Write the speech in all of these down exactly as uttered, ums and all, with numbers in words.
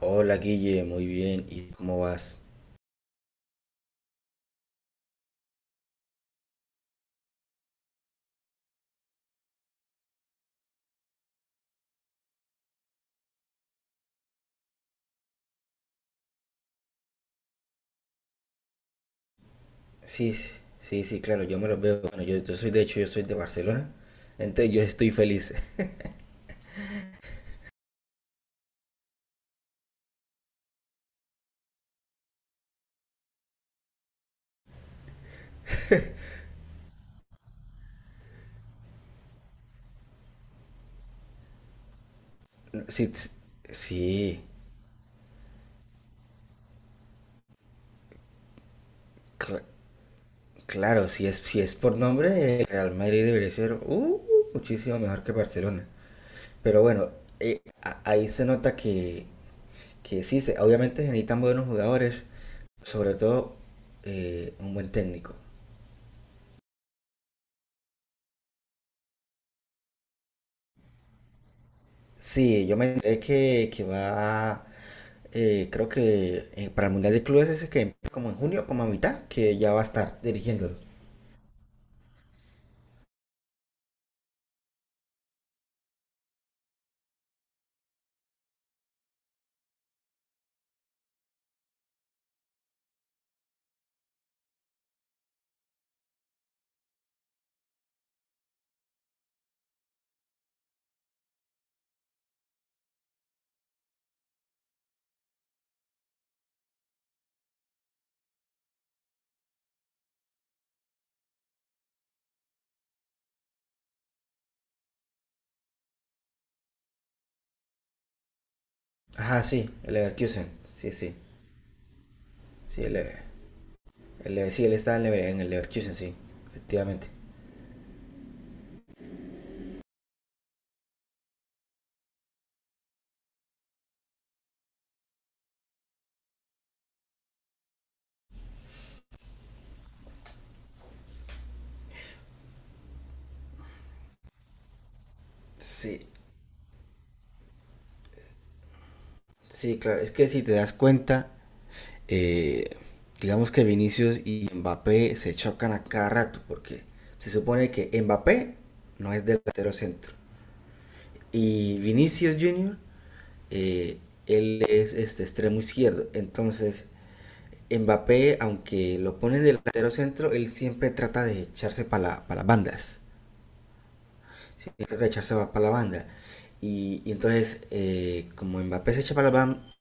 Hola Guille, muy bien. ¿Y cómo vas? Sí, sí, sí, sí, claro, yo me los veo. Bueno, yo, yo soy, de hecho, yo soy de Barcelona. Entonces yo estoy feliz. Sí, sí, sí, cl- claro, si es, si es por nombre, el Real Madrid debería ser uh, muchísimo mejor que Barcelona. Pero bueno, eh, a- ahí se nota que, que sí, se- obviamente se necesitan buenos jugadores, sobre todo eh, un buen técnico. Sí, yo me enteré que, que va, eh, creo que eh, para el Mundial de Clubes ese que empieza como en junio, como a mitad, que ya va a estar dirigiéndolo. Ajá, sí, el Leverkusen, sí, sí, sí, el, el Lever- sí, él está en, Lever- en el Leverkusen, sí, efectivamente. Sí, sí, claro, es que si te das cuenta, eh, digamos que Vinicius y Mbappé se chocan a cada rato, porque se supone que Mbappé no es delantero centro y Vinicius junior eh, él es este extremo izquierdo. Entonces, Mbappé, aunque lo pone en el delantero centro, él siempre trata de echarse para la, pa las bandas. Él trata de echarse para la banda. Y, y entonces, eh, como Mbappé se echa para las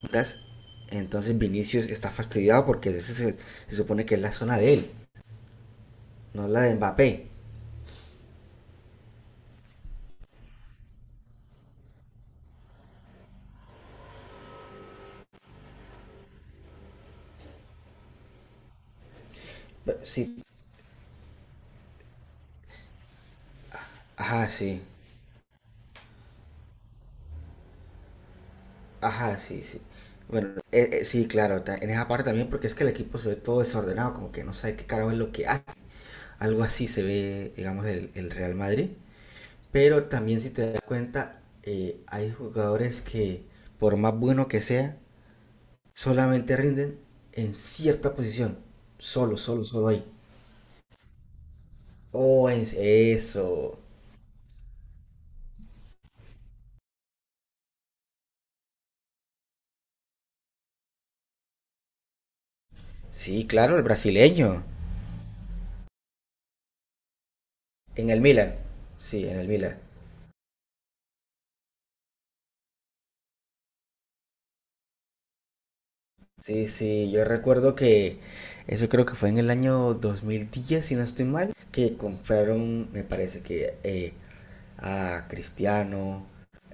bandas, entonces Vinicius está fastidiado porque ese se, se supone que es la zona de él, no la de Mbappé. Sí, ajá, sí, ajá, sí, sí. Bueno, eh, eh, sí, claro, ta- en esa parte también porque es que el equipo se ve todo desordenado, como que no sabe qué carajo es lo que hace. Algo así se ve, digamos, el, el Real Madrid. Pero también si te das cuenta, eh, hay jugadores que, por más bueno que sea, solamente rinden en cierta posición. Solo, solo, solo ahí. Oh, es eso. Sí, claro, el brasileño. En el Milan. Sí, en el Milan. Sí, sí, yo recuerdo que eso creo que fue en el año dos mil diez, si no estoy mal, que compraron, me parece que eh, a Cristiano,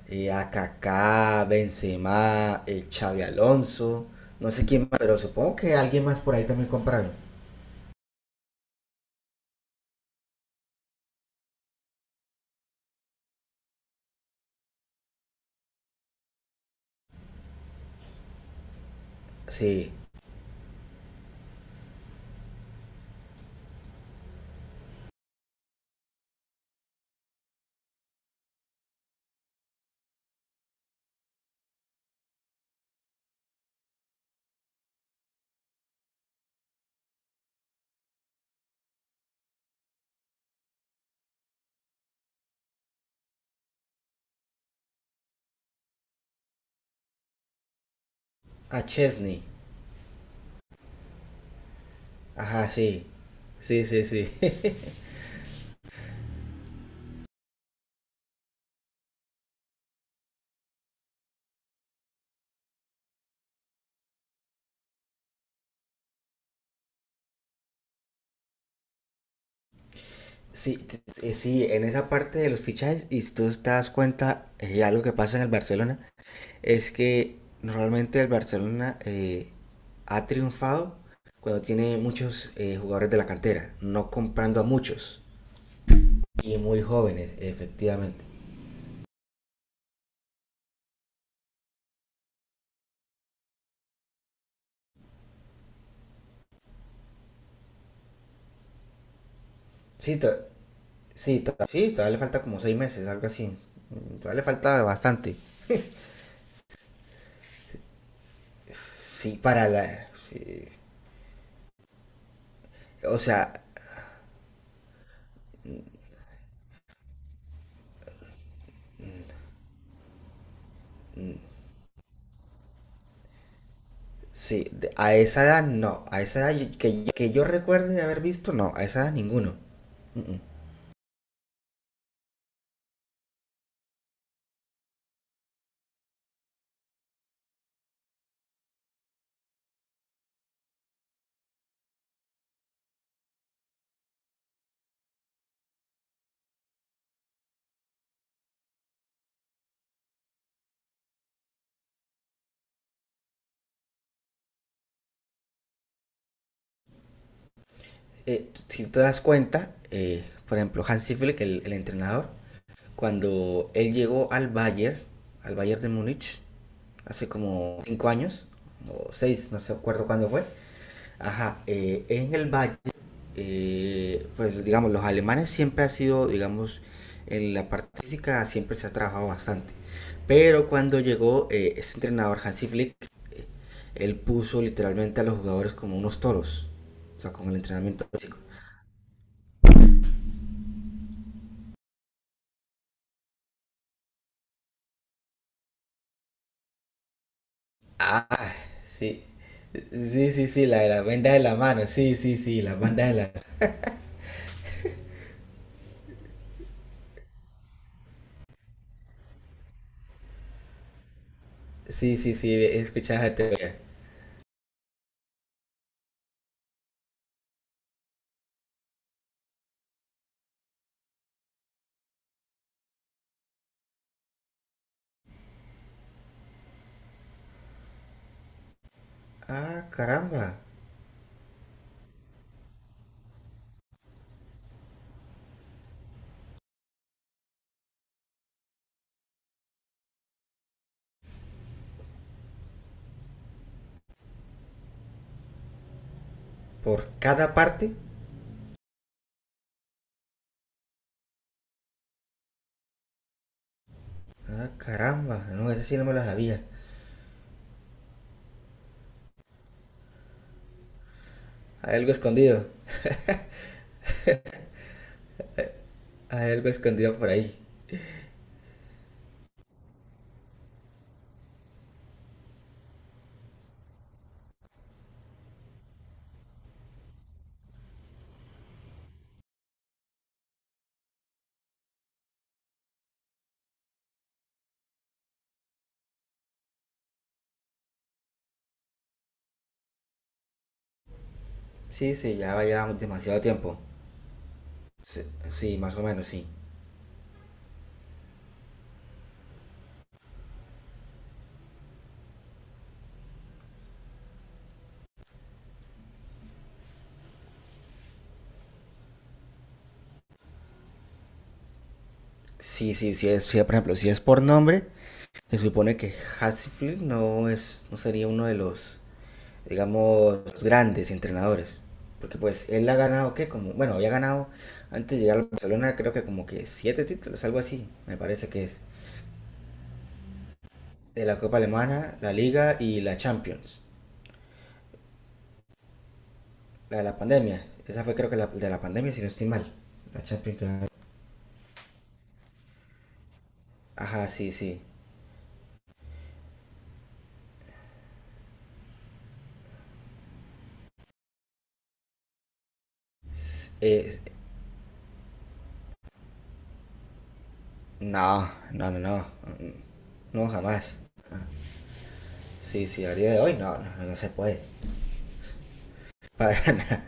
eh, a Kaká, Benzema, eh, Xavi Alonso, no sé quién más, pero supongo que alguien más por ahí también compraron. Sí, a Chesney, ajá, sí, sí, sí, sí. Sí, t- eh, sí, en esa parte de los fichajes, y si tú te das cuenta, eh, algo que pasa en el Barcelona, es que normalmente el Barcelona eh, ha triunfado cuando tiene muchos eh, jugadores de la cantera, no comprando a muchos y muy jóvenes, efectivamente. Sí, to- sí, to- sí, todavía le falta como seis meses, algo así. Mm, todavía le falta bastante. Sí, para la... sí. O sea, sí, de- a esa edad no. A esa edad que, que yo recuerde de haber visto, no. A esa edad ninguno. Eh, si te das cuenta, eh, por ejemplo, Hansi Flick, el, el entrenador, cuando él llegó al Bayern, al Bayern de Múnich, hace como cinco años, o seis, no sé acuerdo cuándo fue. Ajá, eh, en el Bayern eh, pues digamos, los alemanes siempre ha sido, digamos, en la parte física siempre se ha trabajado bastante. Pero cuando llegó eh, este entrenador Hansi Flick, él puso literalmente a los jugadores como unos toros, o sea, con el entrenamiento físico. Ah, sí. Sí, sí, sí, la de las vendas de la mano, sí, sí, sí, las bandas de la... Sí, sí, sí, he escuchado esa teoría. Ah, caramba, por cada parte. Ah, caramba, no, esa sí no me la sabía. Hay algo escondido. Hay algo escondido por ahí. Sí, sí, ya llevamos demasiado tiempo. Sí, sí, más o menos, sí. Sí, sí, sí es, sí, por ejemplo, si es por nombre, se supone que Hasselhoff no es, no sería uno de los, digamos, grandes entrenadores. Porque pues él ha ganado, ¿qué? Como, bueno, había ganado antes de llegar al Barcelona, creo que como que siete títulos, algo así, me parece que es. De la Copa Alemana, la Liga y la Champions. La de la pandemia. Esa fue creo que la de la pandemia, si no estoy mal. La Champions que ganó. Ajá, sí, sí. Eh, no, no, no, no. No, jamás. Sí, sí, a día de hoy no, no, no se puede. Para nada.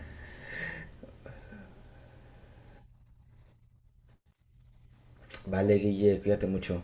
Vale, Guille, cuídate mucho.